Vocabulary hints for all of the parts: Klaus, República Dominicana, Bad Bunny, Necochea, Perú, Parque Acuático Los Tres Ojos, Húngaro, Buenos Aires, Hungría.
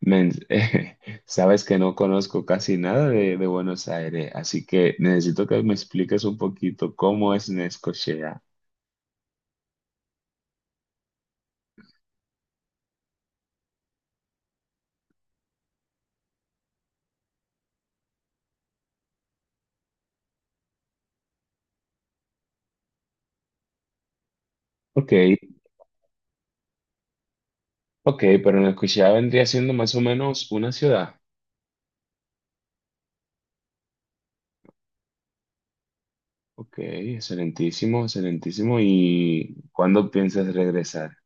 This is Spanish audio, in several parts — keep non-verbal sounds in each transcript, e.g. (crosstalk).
Men, (laughs) sabes que no conozco casi nada de Buenos Aires, así que necesito que me expliques un poquito cómo es Necochea. Ok, ok, pero Necochea vendría siendo más o menos una ciudad. Ok, excelentísimo, excelentísimo. ¿Y cuándo piensas regresar?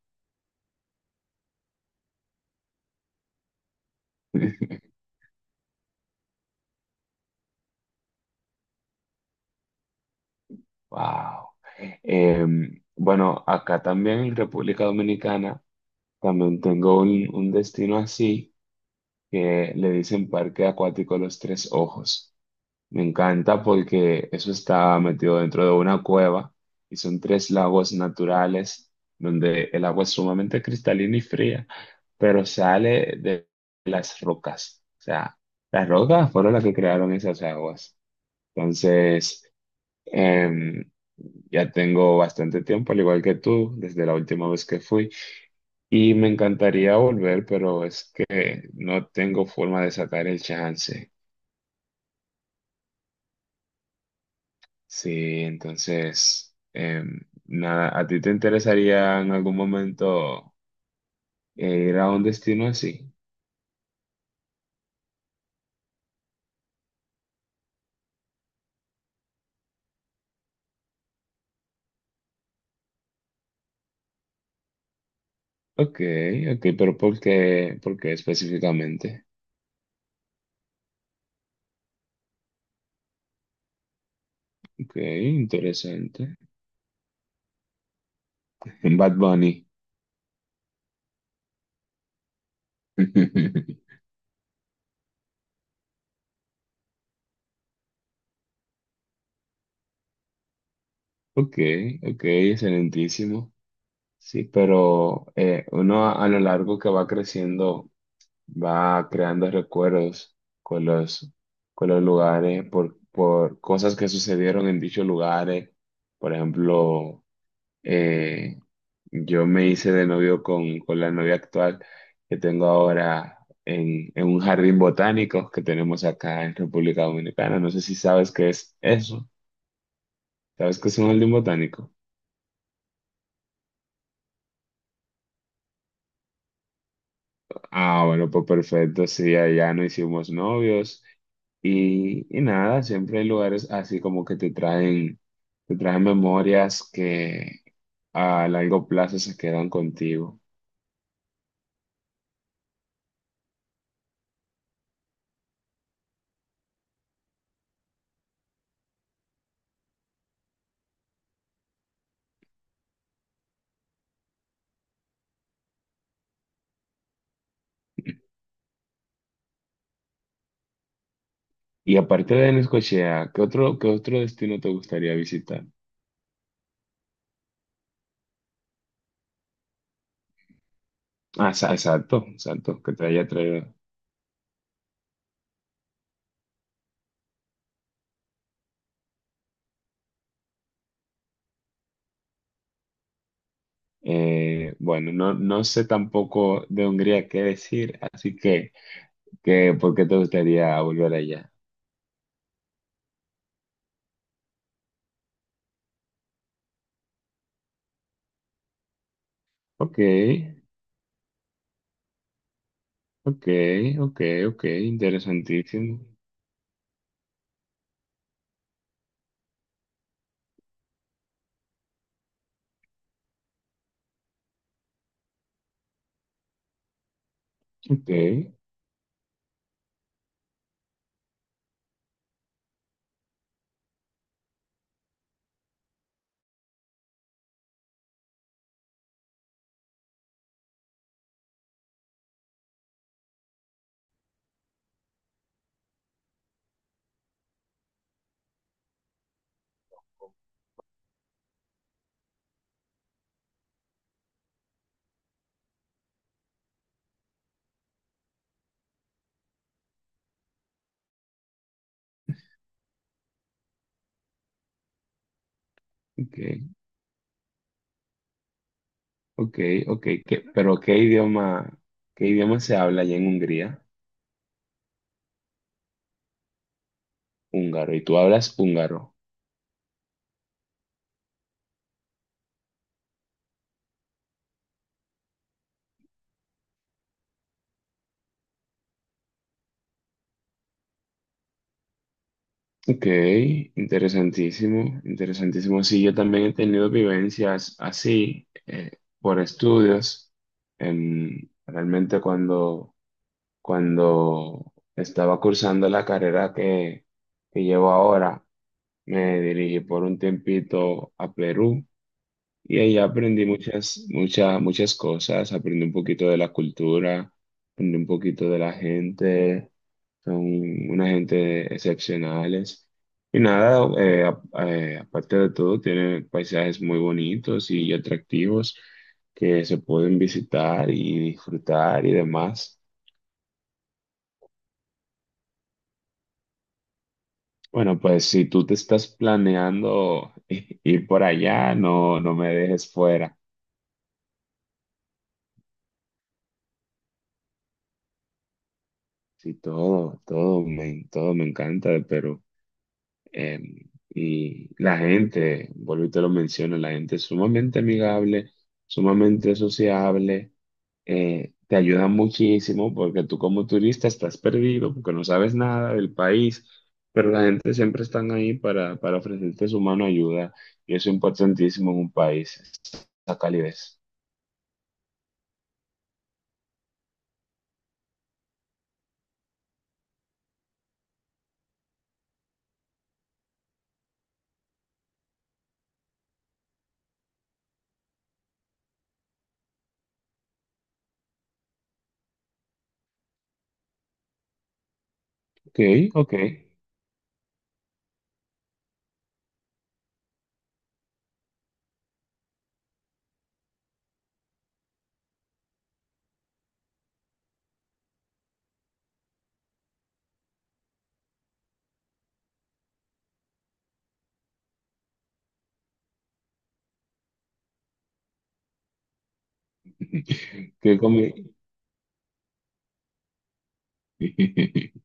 Wow. Bueno, acá también en República Dominicana también tengo un destino así que le dicen Parque Acuático Los Tres Ojos. Me encanta porque eso está metido dentro de una cueva y son tres lagos naturales donde el agua es sumamente cristalina y fría, pero sale de las rocas. O sea, las rocas fueron las que crearon esas aguas. Entonces, em, ya tengo bastante tiempo, al igual que tú, desde la última vez que fui. Y me encantaría volver, pero es que no tengo forma de sacar el chance. Sí, entonces, nada, ¿a ti te interesaría en algún momento ir a un destino así? Ok, ok, pero ¿por qué? ¿Por qué específicamente? Ok, interesante. (laughs) Bad Bunny. (laughs) Ok, ok, excelentísimo. Sí, pero uno a lo largo que va creciendo va creando recuerdos con con los lugares, por cosas que sucedieron en dichos lugares. Por ejemplo, eh, yo me hice de novio con la novia actual que tengo ahora en un jardín botánico que tenemos acá en República Dominicana. No sé si sabes qué es eso. ¿Sabes qué es un jardín botánico? Ah, bueno, pues perfecto, sí, allá no hicimos novios y nada, siempre hay lugares así como que te traen memorias que a largo plazo se quedan contigo. Y aparte de Necochea, qué otro destino te gustaría visitar? Ah, exacto, exacto, que te haya traído. Bueno, no, no sé tampoco de Hungría qué decir, así que ¿por qué te gustaría volver allá? Ok. Ok, ok, ok, interesantísimo. Ok, ok, ok, ok. Pero qué idioma se habla allá en Hungría? Húngaro, y tú hablas húngaro. Ok, interesantísimo, interesantísimo. Sí, yo también he tenido vivencias así por estudios. Realmente cuando estaba cursando la carrera que llevo ahora, me dirigí por un tiempito a Perú. Y ahí aprendí muchas, muchas, muchas cosas. Aprendí un poquito de la cultura, aprendí un poquito de la gente. Son una gente excepcionales. Y nada, aparte de todo, tiene paisajes muy bonitos y atractivos que se pueden visitar y disfrutar y demás. Bueno, pues si tú te estás planeando (laughs) ir por allá, no, no me dejes fuera. Sí, todo, todo me encanta de Perú. Eh, y la gente, vuelvo y te lo menciono, la gente es sumamente amigable, sumamente sociable, te ayuda muchísimo porque tú como turista estás perdido, porque no sabes nada del país, pero la gente siempre están ahí para ofrecerte su mano ayuda y eso es importantísimo en un país, esa calidez. Ok, ok. (laughs) ¿Qué comi- (laughs)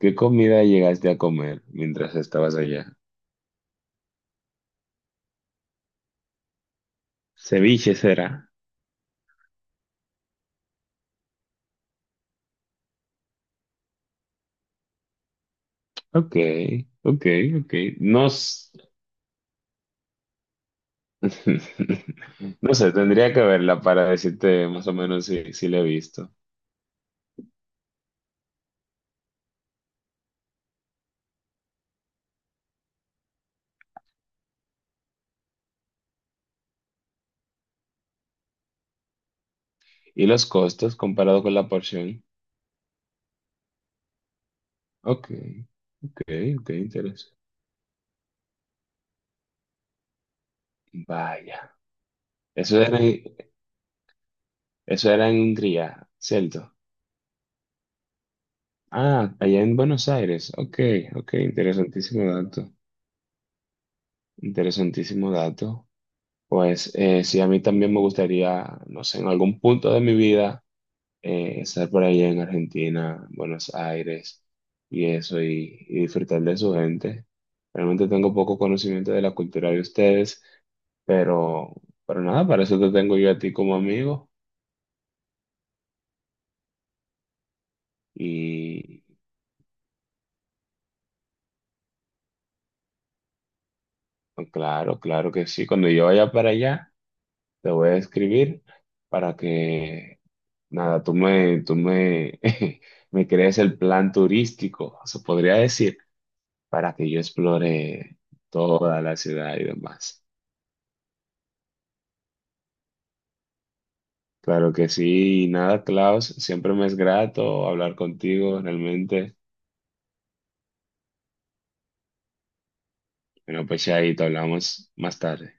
¿Qué comida llegaste a comer mientras estabas allá? Ceviche será. Ok, ok, ok. No, s- (laughs) no sé, tendría que verla para decirte más o menos si la he visto. Y los costos comparado con la porción. Ok, ok, ok, interesante. Vaya. Eso era, en- Eso era en Hungría, ¿cierto? Ah, allá en Buenos Aires. Ok, ok, interesantísimo dato. Interesantísimo dato. Pues sí, a mí también me gustaría, no sé, en algún punto de mi vida. Eh, estar por allá en Argentina, Buenos Aires y eso, y disfrutar de su gente. Realmente tengo poco conocimiento de la cultura de ustedes, pero, pero nada, para eso te tengo yo a ti como amigo. Y pues, claro, claro que sí. Cuando yo vaya para allá, te voy a escribir para que, nada, tú me, (laughs) me crees el plan turístico, se podría decir, para que yo explore toda la ciudad y demás. Claro que sí, y nada, Klaus, siempre me es grato hablar contigo, realmente. Bueno, pues ya ahí te hablamos más tarde.